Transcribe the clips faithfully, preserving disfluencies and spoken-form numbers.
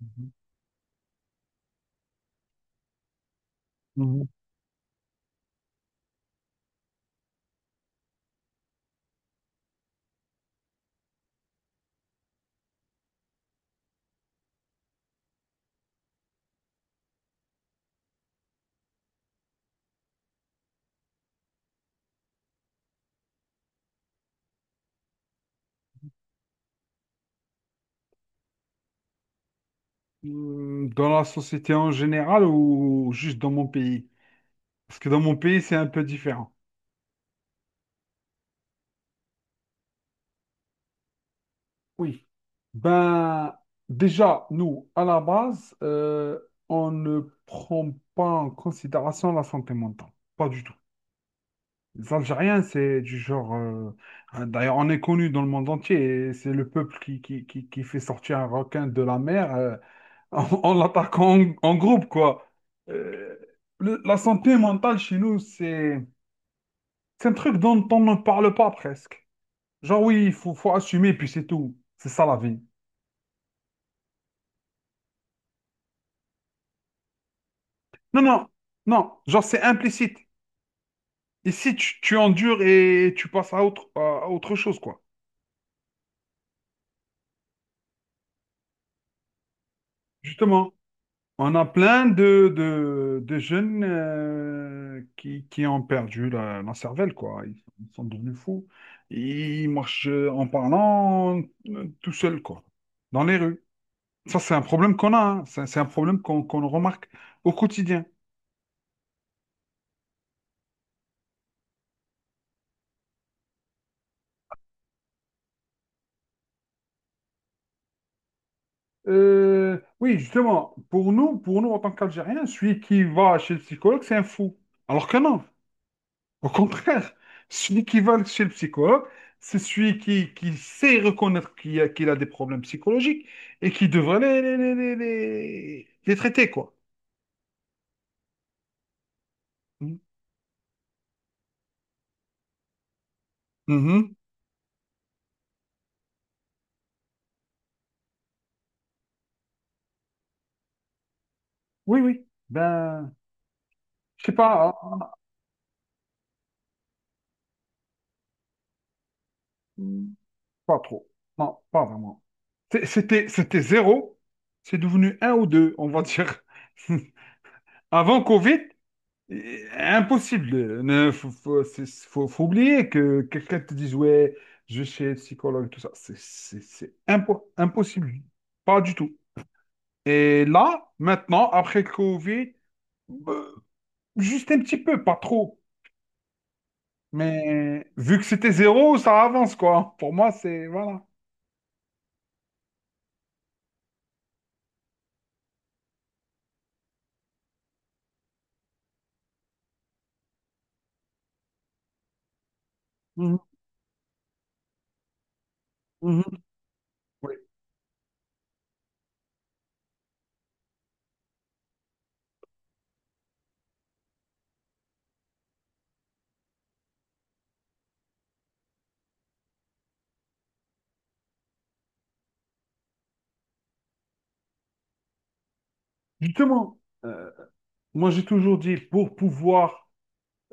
Mhm. Mhm. Hmm, Dans la société en général ou juste dans mon pays? Parce que dans mon pays, c'est un peu différent. Oui. Ben, déjà, nous, à la base, euh, on ne prend pas en considération la santé mentale. Pas du tout. Les Algériens, c'est du genre. euh, hein, d'ailleurs, on est connu dans le monde entier et c'est le peuple qui, qui, qui, qui fait sortir un requin de la mer. euh, en, en l'attaquant en, en groupe, quoi. Euh, le- la santé mentale chez nous, c'est c'est un truc dont on ne parle pas presque. Genre, oui, il faut, faut assumer, puis c'est tout. C'est ça la vie. Non, non, non, genre, c'est implicite. Ici, tu, tu endures et tu passes à autre, à autre chose, quoi. Justement, on a plein de, de, de jeunes euh, qui, qui ont perdu la, la cervelle, quoi. Ils, ils sont devenus fous. Ils marchent en parlant euh, tout seuls, quoi, dans les rues. Ça, c'est un problème qu'on a, hein. C'est c'est un problème qu'on qu'on remarque au quotidien. Euh, oui, justement, pour nous, pour nous, en tant qu'Algériens, celui qui va chez le psychologue, c'est un fou. Alors que non. Au contraire, celui qui va chez le psychologue, c'est celui qui, qui sait reconnaître qu'il a, qu'il a des problèmes psychologiques et qui devrait les, les, les, les, les- les traiter, quoi. Mm. Mhm. Oui, oui. Ben, je sais pas, hein. Mm. Pas trop. Non, pas vraiment. C'est- C'était, c'était zéro. C'est devenu un ou deux, on va dire. Avant Covid, Et- impossible. Ne, faut, faut, c'est- faut- faut oublier que quelqu'un te dise, ouais, je vais chez le psychologue, tout ça. C'est c'est- c'est impo- impossible. Pas du tout. Et là, maintenant, après le Covid, euh, juste un petit peu, pas trop. Mais vu que c'était zéro, ça avance, quoi. Pour moi, c'est... Voilà. Mhm, mhm. Ouais. Justement, euh, moi, j'ai toujours dit, pour pouvoir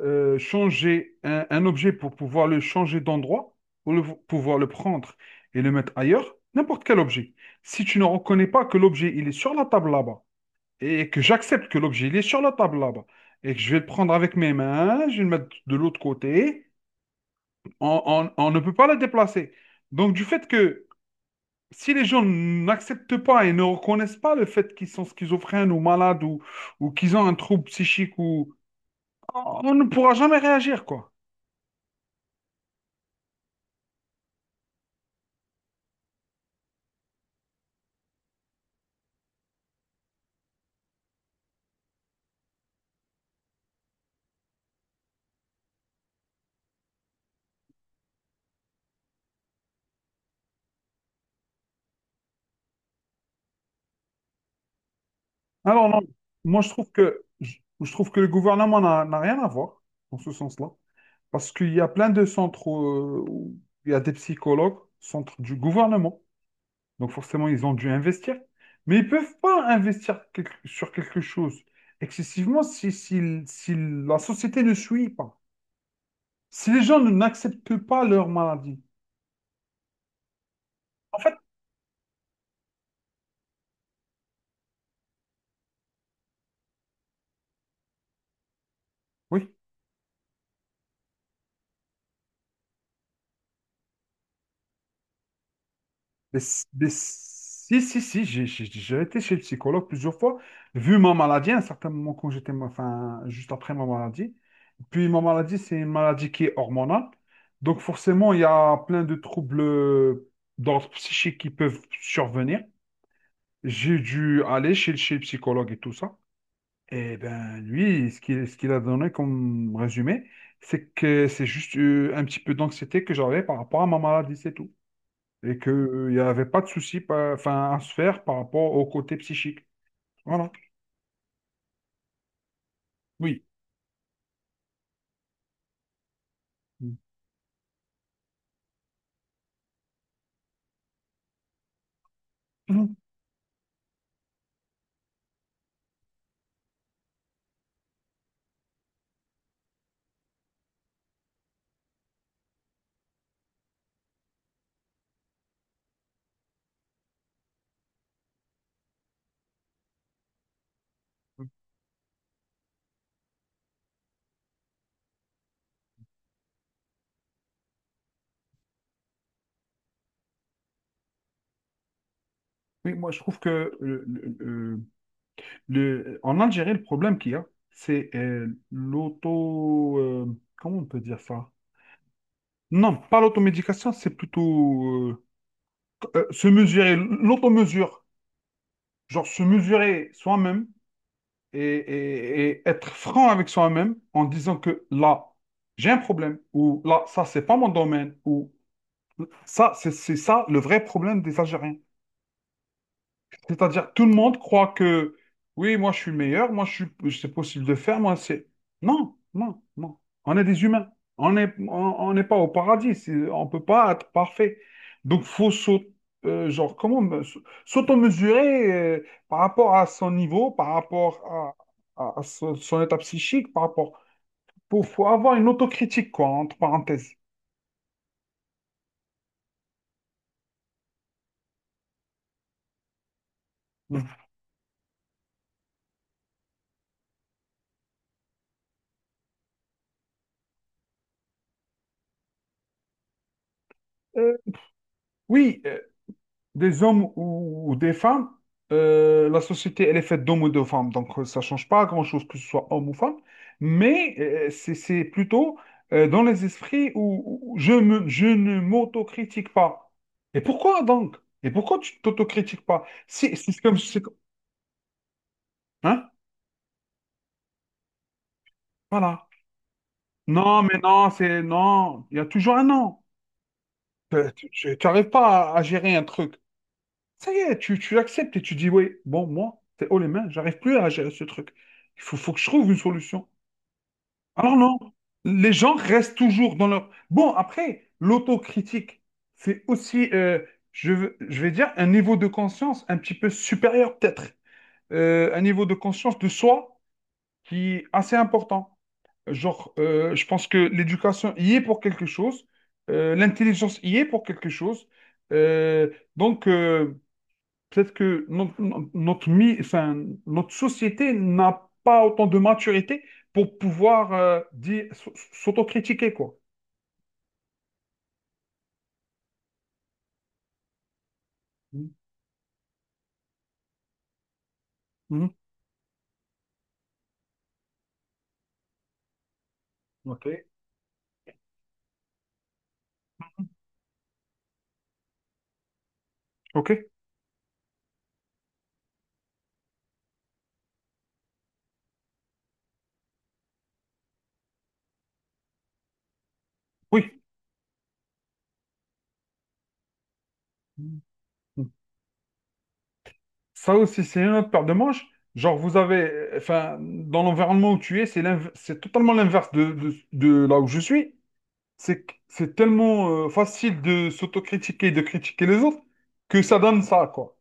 euh, changer un, un objet pour pouvoir le changer d'endroit ou le, pouvoir le prendre et le mettre ailleurs, n'importe quel objet. Si tu ne reconnais pas que l'objet il est sur la table là-bas et que j'accepte que l'objet il est sur la table là-bas et que je vais le prendre avec mes mains, je vais le mettre de l'autre côté, on, on- on ne peut pas le déplacer. Donc du fait que si les gens n'acceptent pas et ne reconnaissent pas le fait qu'ils sont schizophrènes ou malades ou, ou qu'ils ont un trouble psychique ou on on ne pourra jamais réagir quoi. Alors, non, moi, je trouve que, je, je trouve que le gouvernement n'a n'a rien à voir dans ce sens-là. Parce qu'il y a plein de centres euh, où il y a des psychologues, centres du gouvernement. Donc, forcément, ils ont dû investir. Mais ils ne peuvent pas investir quelque- sur quelque chose excessivement si, si, si la société ne suit pas. Si les gens ne- n'acceptent pas leur maladie. En fait, oui. Mais, s- mais si, si, si, j'ai j'ai- j'ai été chez le psychologue plusieurs fois, vu ma maladie, à un certain moment, quand j'étais, ma- enfin, juste après ma maladie. Puis ma maladie, c'est une maladie qui est hormonale. Donc forcément, il y a plein de troubles d'ordre psychique qui peuvent survenir. J'ai dû aller chez, le- chez le psychologue et tout ça. Et ben lui, ce qu'il ce qu'il a donné comme résumé, c'est que c'est juste euh, un petit peu d'anxiété que j'avais par rapport à ma maladie, c'est tout et qu'il n'y avait pas de souci pa- enfin, à se faire par rapport au côté psychique. Voilà. Oui. Mhm. Oui, moi, je trouve que euh, le- le- le- en Algérie, le problème qu'il y a, c'est euh, l'auto... euh, comment on peut dire ça? Non, pas l'automédication, c'est plutôt euh, euh, se mesurer, l'automesure. Genre se mesurer soi-même et, et- et être franc avec soi-même en disant que là, j'ai un problème, ou là, ça, c'est pas mon domaine, ou ça, c'est c'est ça le vrai problème des Algériens. C'est-à-dire, tout le monde croit que, oui, moi je suis meilleur, moi je suis, c'est possible de faire, moi c'est. Non, non, non. On est des humains. On n'est on, on n'est pas au paradis. c'est- On ne peut pas être parfait. Donc, faut s'au- euh, genre, comment me- s'auto-mesurer euh, par rapport à son niveau, par rapport à, à- à son, son état psychique, par rapport. Faut, faut avoir une autocritique, quoi, entre parenthèses. Mm. Euh, oui, euh, des hommes ou, ou des femmes, euh, la société, elle est faite d'hommes ou de femmes, donc euh, ça change pas grand-chose que ce soit homme ou femme, mais euh, c'est c'est plutôt euh, dans les esprits où, où je me, je ne m'autocritique pas. Et pourquoi donc? Et pourquoi tu t'autocritiques pas? Si, si c'est comme, c'est comme- hein? Voilà. Non, mais non, c'est non. Il y a toujours un non. Euh, tu n'arrives pas à, à gérer un truc. Ça y est, tu, tu acceptes et tu dis, oui, bon, moi, c'est haut les mains, j'arrive plus à gérer ce truc. Il faut, faut que je trouve une solution. Alors non, les gens restent toujours dans leur... Bon, après, l'autocritique, c'est aussi, euh, je, veux- je vais dire, un niveau de conscience un petit peu supérieur peut-être. Euh, un niveau de conscience de soi qui est assez important. Genre, euh, je pense que l'éducation y est pour quelque chose, euh, l'intelligence y est pour quelque chose. Euh, donc... euh, Peut-être que notre, notre, mi- enfin, notre société n'a pas autant de maturité pour pouvoir euh, dire- s- s'autocritiquer, quoi. Mm. Mhm. Ok. OK? Oui. Mm. Ça aussi, c'est une autre paire de manches. Genre, vous avez, euh, enfin, dans l'environnement où tu es, c'est l'inv- c'est totalement l'inverse de, de- de là où je suis. C'est que- c'est tellement euh, facile de s'autocritiquer, de critiquer les autres, que ça donne ça, quoi.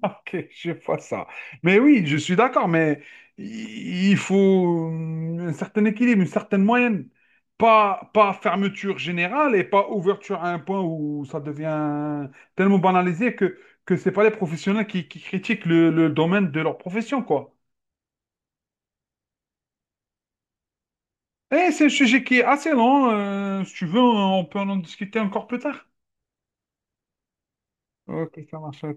Ok, je vois ça. Mais oui, je suis d'accord, mais i- il faut euh, un certain équilibre, une certaine moyenne. Pas, pas fermeture générale et pas ouverture à un point où ça devient tellement banalisé que, que c'est pas les professionnels qui, qui critiquent le, le domaine de leur profession, quoi. Et c'est un sujet qui est assez long. Euh, si tu veux, on peut en discuter encore plus tard. Ok, ça marche. À la